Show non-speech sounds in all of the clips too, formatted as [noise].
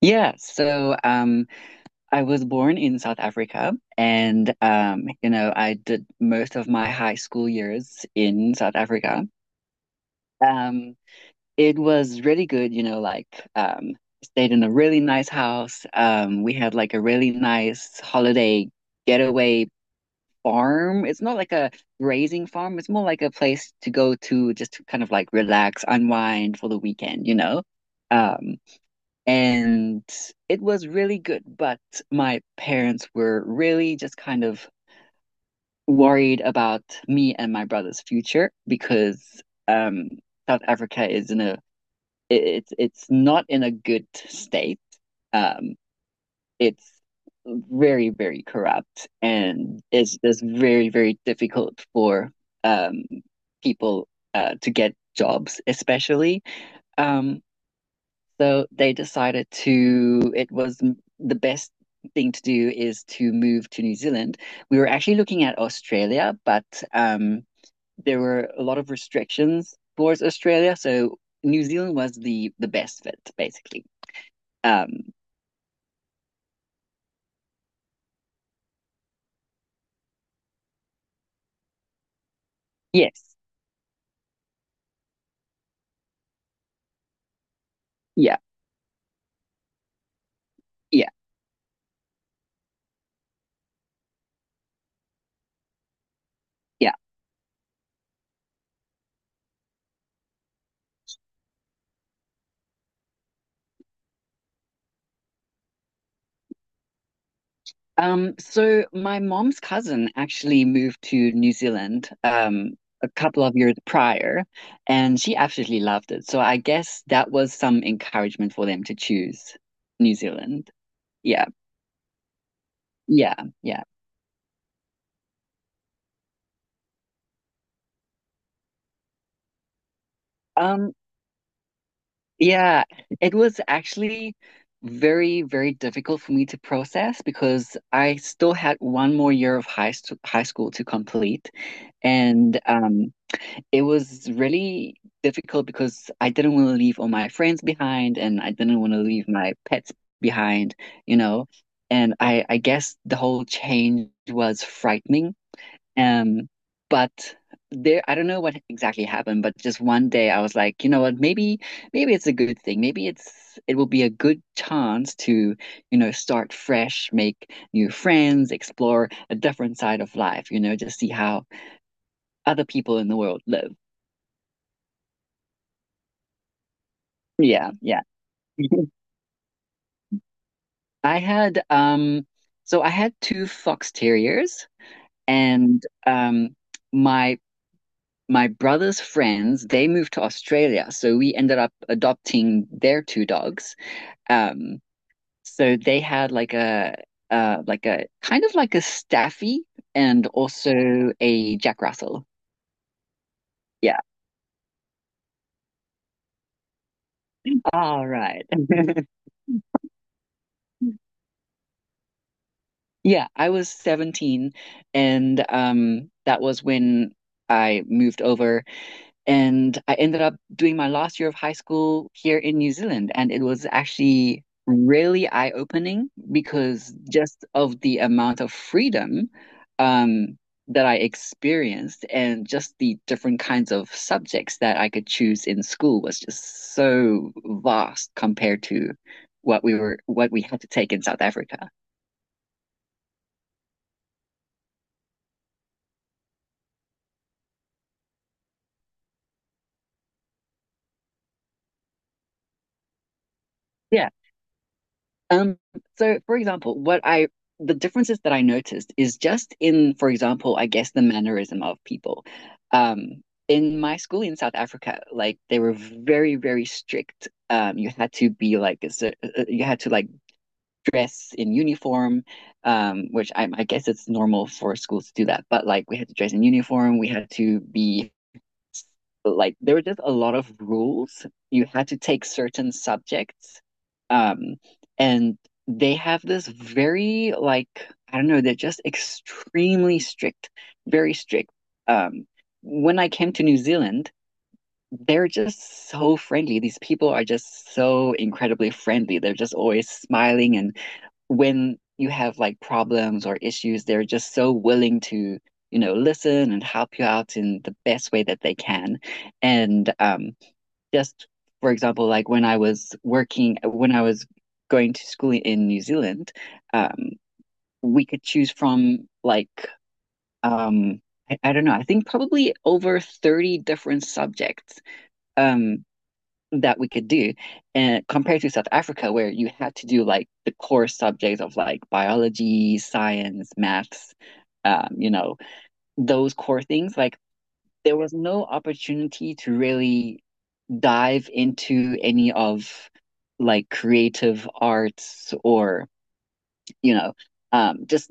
Yeah, so um, I was born in South Africa, and I did most of my high school years in South Africa. Um, it was really good, um, stayed in a really nice house. We had like a really nice holiday getaway farm. It's not like a grazing farm, it's more like a place to go to just to kind of like relax, unwind for the weekend. Um, and it was really good, but my parents were really just kind of worried about me and my brother's future because South Africa is in a it's not in a good state. Um, it's very, very corrupt and it's just very, very difficult for um, people to get jobs, especially. Um, So they decided to, it was the best thing to do is to move to New Zealand. We were actually looking at Australia, but um, there were a lot of restrictions towards Australia. So New Zealand was the best fit, basically. Um, yes. Yeah. Yeah. Yeah. So my mom's cousin actually moved to New Zealand a couple of years prior, and she absolutely loved it. So I guess that was some encouragement for them to choose New Zealand. Yeah, yeah, yeah. Um, yeah, it was actually very, very difficult for me to process because I still had one more year of high school to complete, and it was really difficult because I didn't want to leave all my friends behind and I didn't want to leave my pets behind, you know. And I guess the whole change was frightening. Um, but there, I don't know what exactly happened, but just one day I was like, maybe, maybe it's a good thing. Maybe it's, it will be a good chance to, start fresh, make new friends, explore a different side of life, just see how other people in the world live. Yeah, yeah. [laughs] Mhm. I had so I had two fox terriers and my my brother's friends, they moved to Australia, so we ended up adopting their two dogs, um so they had like a kind of like a Staffy and also a Jack Russell. Yeah, all right. [laughs] Yeah, I was 17, and that was when I moved over. And I ended up doing my last year of high school here in New Zealand. And it was actually really eye-opening because just of the amount of freedom um, that I experienced and just the different kinds of subjects that I could choose in school was just so vast compared to what we had to take in South Africa. Yeah. Um, so for example, what I the differences that I noticed is just in, for example, I guess the mannerism of people. In my school in South Africa, like they were very, very strict. You had to be like a you had to like dress in uniform, which I guess it's normal for schools to do that. But like we had to dress in uniform, we had to be like there were just a lot of rules. You had to take certain subjects. Um, and they have this very like I don't know, they're just extremely strict, very strict. Um, when I came to New Zealand, they're just so friendly. These people are just so incredibly friendly. They're just always smiling and when you have like problems or issues, they're just so willing to, listen and help you out in the best way that they can. And just for example, when I was going to school in New Zealand, um, we could choose from like um, I don't know, I think probably over 30 different subjects. Um, that we could do, and compared to South Africa where you had to do like the core subjects of like biology, science, maths, um, you know, those core things, like there was no opportunity to really dive into any of like creative arts or, you know, just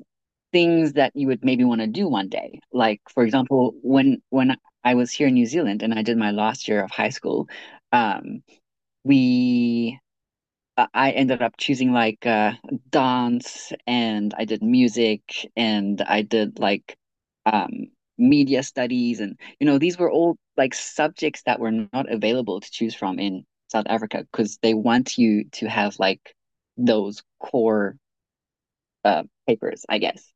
things that you would maybe want to do one day. Like for example, when I was here in New Zealand and I did my last year of high school, um, we I ended up choosing like dance and I did music and I did like um, media studies, and you know these were all like subjects that were not available to choose from in South Africa because they want you to have like those core papers, I guess.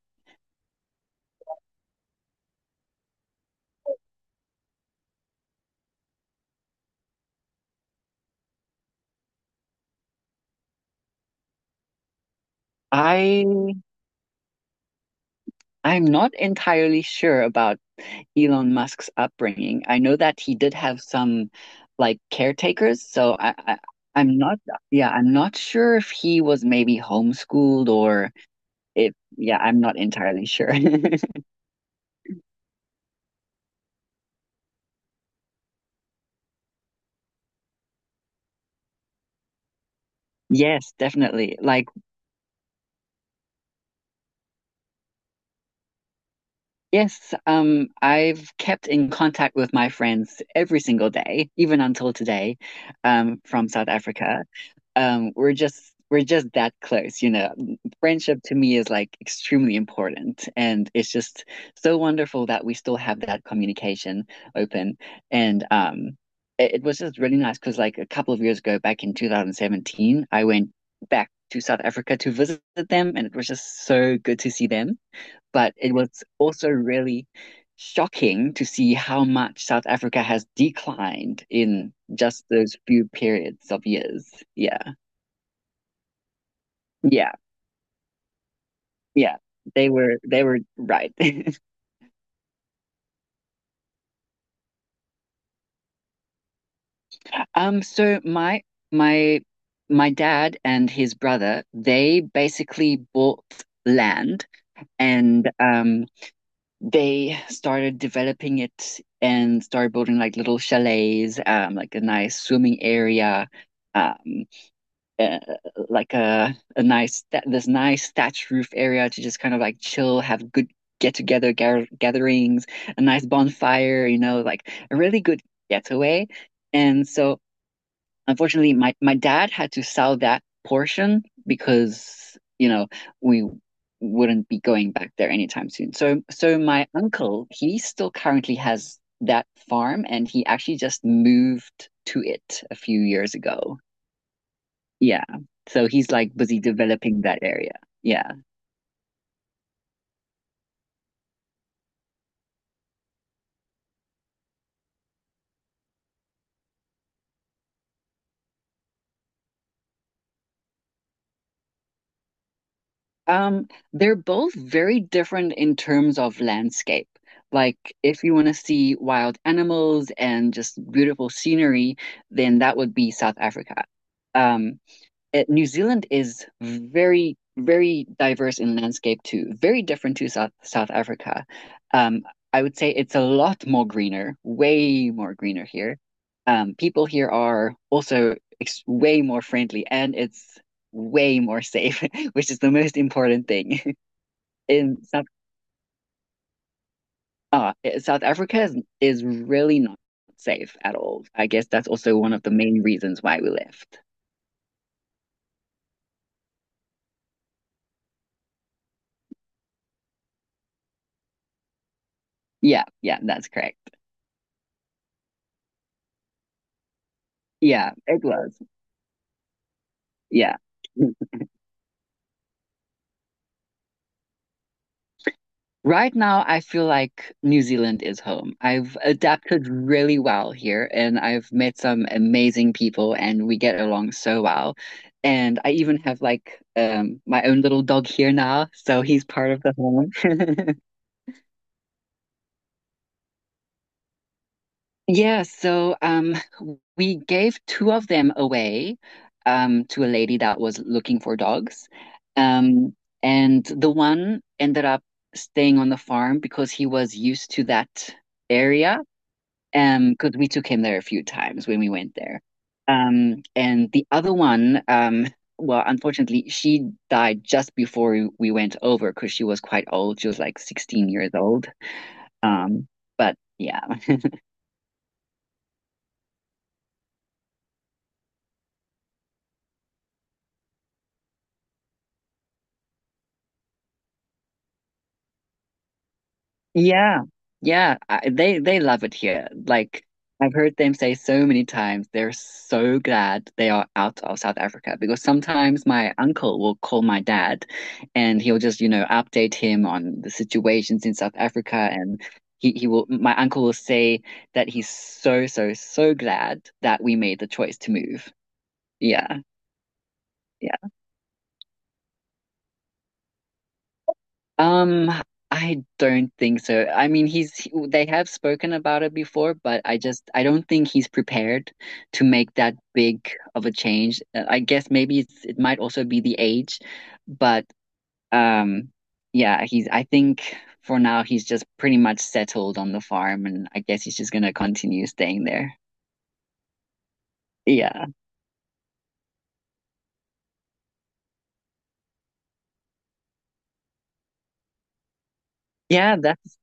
I I'm not entirely sure about Elon Musk's upbringing. I know that he did have some like caretakers, so I'm not, yeah, I'm not sure if he was maybe homeschooled or if, yeah, I'm not entirely sure. [laughs] Yes, definitely. Like yes, I've kept in contact with my friends every single day, even until today, from South Africa. We're just that close, you know, friendship to me is like extremely important and it's just so wonderful that we still have that communication open. And it, it was just really nice because like a couple of years ago back in 2017 I went back to South Africa to visit them and it was just so good to see them, but it was also really shocking to see how much South Africa has declined in just those few periods of years. Yeah. Yeah, yeah. They were right. [laughs] So my my dad and his brother, they basically bought land, and they started developing it and started building like little chalets, like a nice swimming area. Um, uh, like a nice, this nice thatched roof area to just kind of like chill, have good gatherings, a nice bonfire, you know, like a really good getaway. And so, unfortunately, my dad had to sell that portion because you know we wouldn't be going back there anytime soon. So my uncle, he still currently has that farm and he actually just moved to it a few years ago. Yeah. So he's like busy developing that area. Yeah. Um, they're both very different in terms of landscape. Like if you want to see wild animals and just beautiful scenery, then that would be South Africa. Um, New Zealand is very, very diverse in landscape too, very different to South Africa. Um, I would say it's a lot more greener, way more greener here. People here are also ex way more friendly, and it's way more safe, [laughs] which is the most important thing. [laughs] In South, uh, South Africa is really not safe at all. I guess that's also one of the main reasons why we left. Yeah, yeah, that's correct. Yeah, it was. Yeah. Right now, I feel like New Zealand is home. I've adapted really well here and I've met some amazing people and we get along so well. And I even have like my own little dog here now, so he's part of the home. [laughs] Yeah, so um we gave two of them away to a lady that was looking for dogs. Um and the one ended up staying on the farm because he was used to that area, because we took him there a few times when we went there. And the other one, well, unfortunately, she died just before went over because she was quite old. She was like 16 years old. Um, but yeah. Yeah, they love it here. Like I've heard them say so many times, they're so glad they are out of South Africa because sometimes my uncle will call my dad, and he'll just you know update him on the situations in South Africa, and he will my uncle will say that he's so so so glad that we made the choice to move. Yeah, yeah. Um, I don't think so. I mean, they have spoken about it before, but I don't think he's prepared to make that big of a change. I guess maybe it might also be the age, but um, yeah, he's I think for now he's just pretty much settled on the farm, and I guess he's just gonna continue staying there. Yeah. Yeah, that's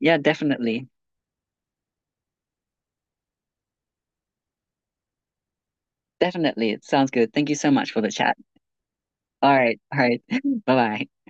yeah, definitely. Definitely. It sounds good. Thank you so much for the chat. All right. All right. [laughs] Bye-bye.